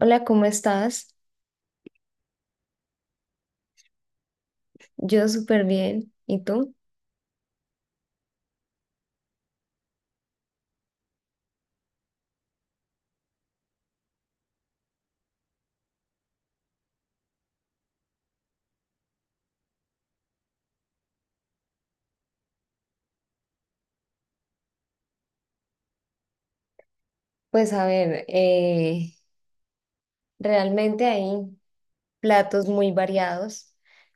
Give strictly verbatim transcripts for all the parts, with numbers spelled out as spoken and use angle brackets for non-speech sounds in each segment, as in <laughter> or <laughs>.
Hola, ¿cómo estás? Yo súper bien. ¿Y tú? Pues a ver, eh, realmente hay platos muy variados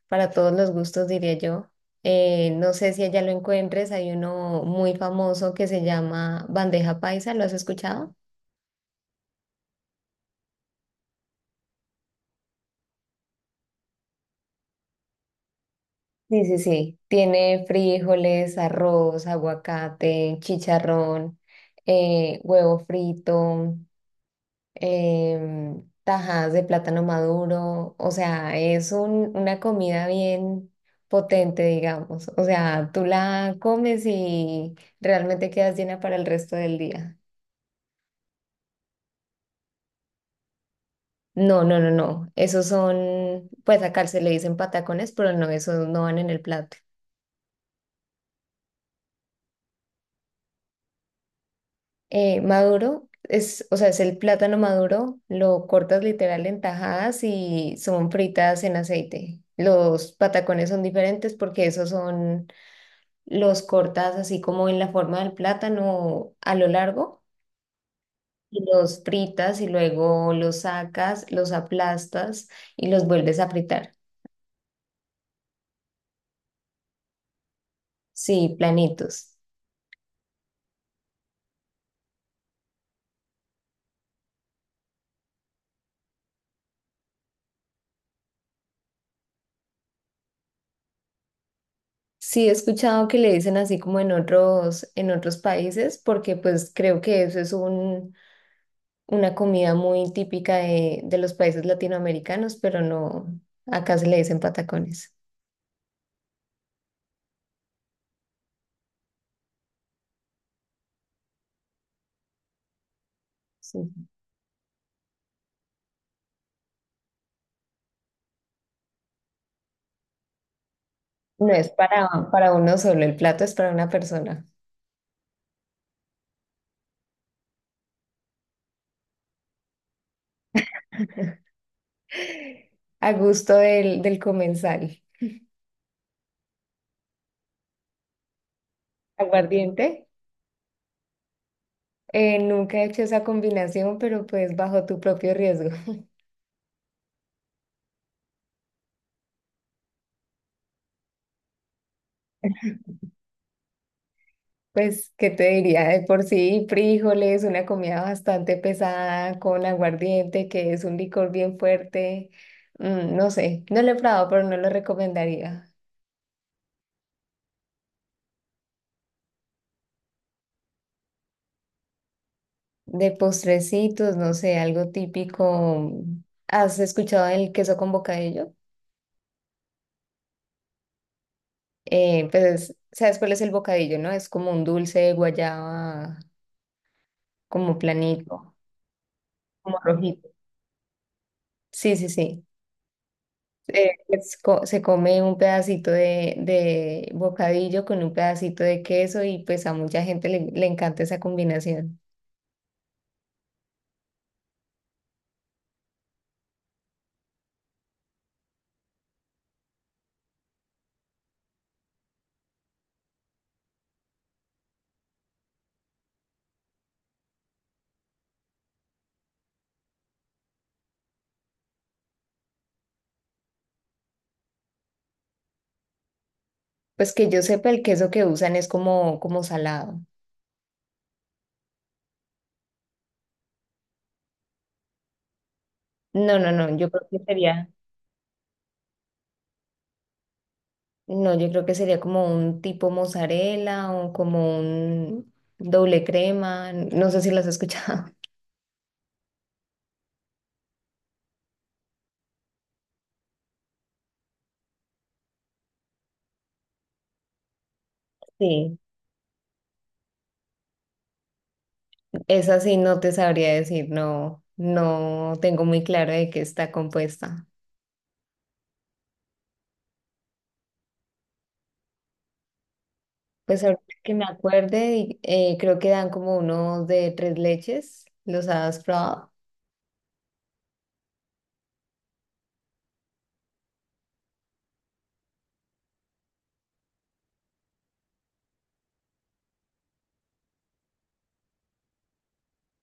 para todos los gustos, diría yo. Eh, no sé si allá lo encuentres, hay uno muy famoso que se llama bandeja paisa, ¿lo has escuchado? Sí, sí, sí. Tiene frijoles, arroz, aguacate, chicharrón, eh, huevo frito. Em, tajadas de plátano maduro, o sea, es un- una comida bien potente, digamos. O sea, tú la comes y realmente quedas llena para el resto del día. No, no, no, no. Esos son, pues acá se le dicen patacones, pero no, esos no van en el plato. Eh, maduro es, o sea, es el plátano maduro, lo cortas literal en tajadas y son fritas en aceite. Los patacones son diferentes porque esos son los cortas así como en la forma del plátano a lo largo y los fritas y luego los sacas, los aplastas y los vuelves a fritar. Sí, planitos. Sí, he escuchado que le dicen así como en otros, en otros países, porque pues creo que eso es un, una comida muy típica de, de los países latinoamericanos, pero no, acá se le dicen patacones. Sí. No es para, para uno solo, el plato es para una persona. A gusto del, del comensal. Aguardiente. Eh, nunca he hecho esa combinación, pero pues bajo tu propio riesgo. <laughs> Pues, ¿qué te diría? De por sí, frijoles, una comida bastante pesada con aguardiente, que es un licor bien fuerte. Mm, no sé, no lo he probado, pero no lo recomendaría. De postrecitos, no sé, algo típico. ¿Has escuchado el queso con bocadillo? Eh, pues, ¿sabes cuál es el bocadillo, no? Es como un dulce de guayaba como planito, como rojito. Sí, sí, sí. Eh, es co- se come un pedacito de, de bocadillo con un pedacito de queso y pues a mucha gente le, le encanta esa combinación. Pues que yo sepa, el queso que usan es como, como salado. No, no, no, yo creo que sería, no, yo creo que sería como un tipo mozzarella o como un doble crema, no sé si las has escuchado. <laughs> Sí, esa sí no te sabría decir, no, no tengo muy claro de qué está compuesta. Pues ahorita que me acuerde, y- eh, creo que dan como uno de tres leches. ¿Los has probado?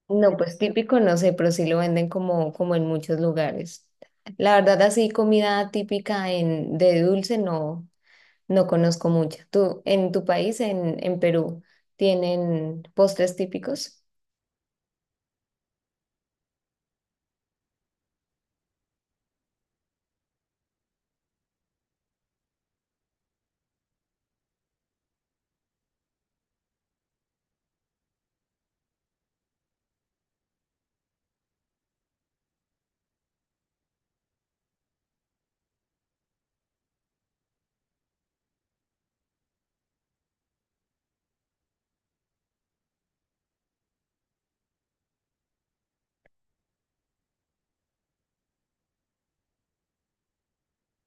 No, pues típico no sé, pero sí lo venden como, como en muchos lugares. La verdad, así comida típica en, de dulce no, no conozco mucha. ¿Tú, en tu país, en, en Perú, tienen postres típicos?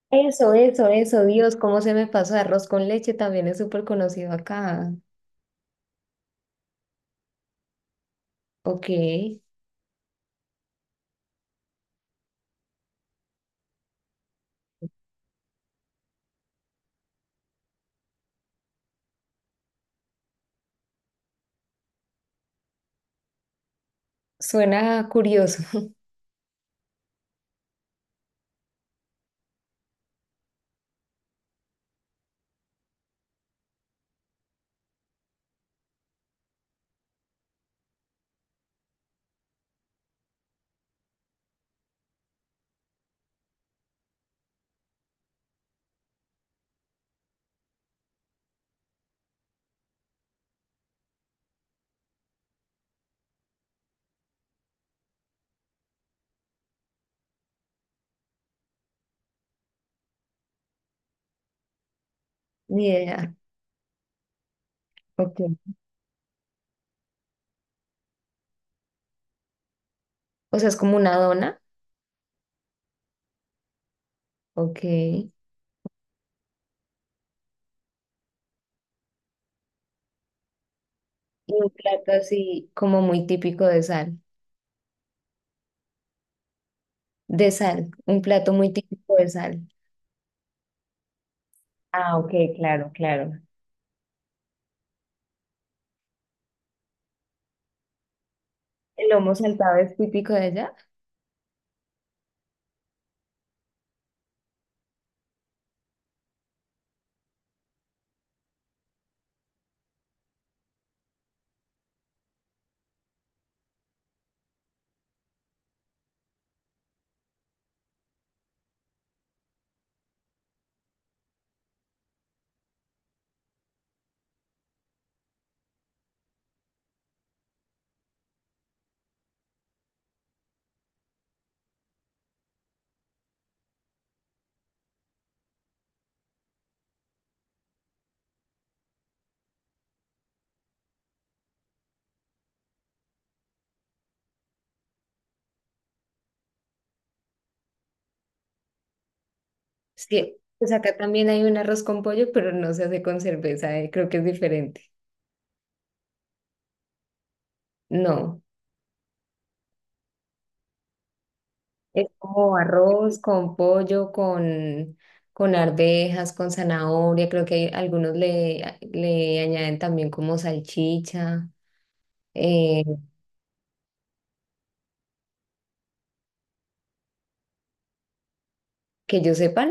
Eso, eso, eso, Dios, cómo se me pasó. Arroz con leche también es súper conocido acá. Ok, suena curioso. <laughs> Ni idea. Ok. O sea, es como una dona, ok. Y un plato así como muy típico de sal. De sal, un plato muy típico de sal. Ah, ok, claro, claro. ¿El lomo saltado es típico de allá? Sí, pues acá también hay un arroz con pollo, pero no se hace con cerveza, eh, creo que es diferente. No, es como arroz con pollo, con, con arvejas, con zanahoria. Creo que hay- algunos le, le añaden también como salchicha. eh, que yo sepa,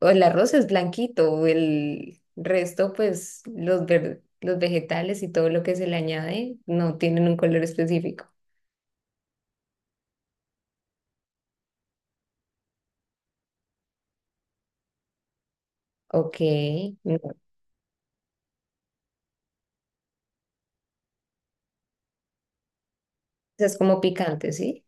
o el arroz es blanquito, el resto, pues los, ver- los vegetales y todo lo que se le añade no tienen un color específico. Ok, no. Es como picante, ¿sí?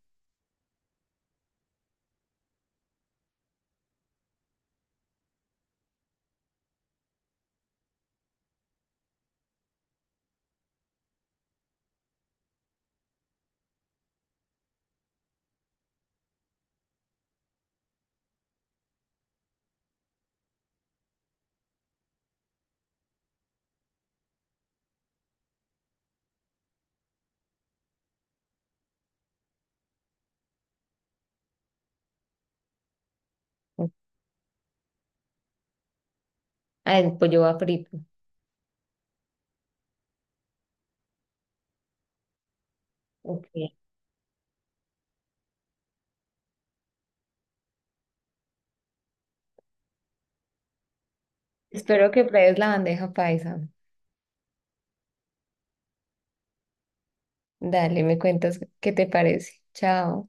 Ok. Ah, el pollo va frito. Ok. Espero que pruebes la bandeja paisa. Dale, me cuentas qué te parece. Chao.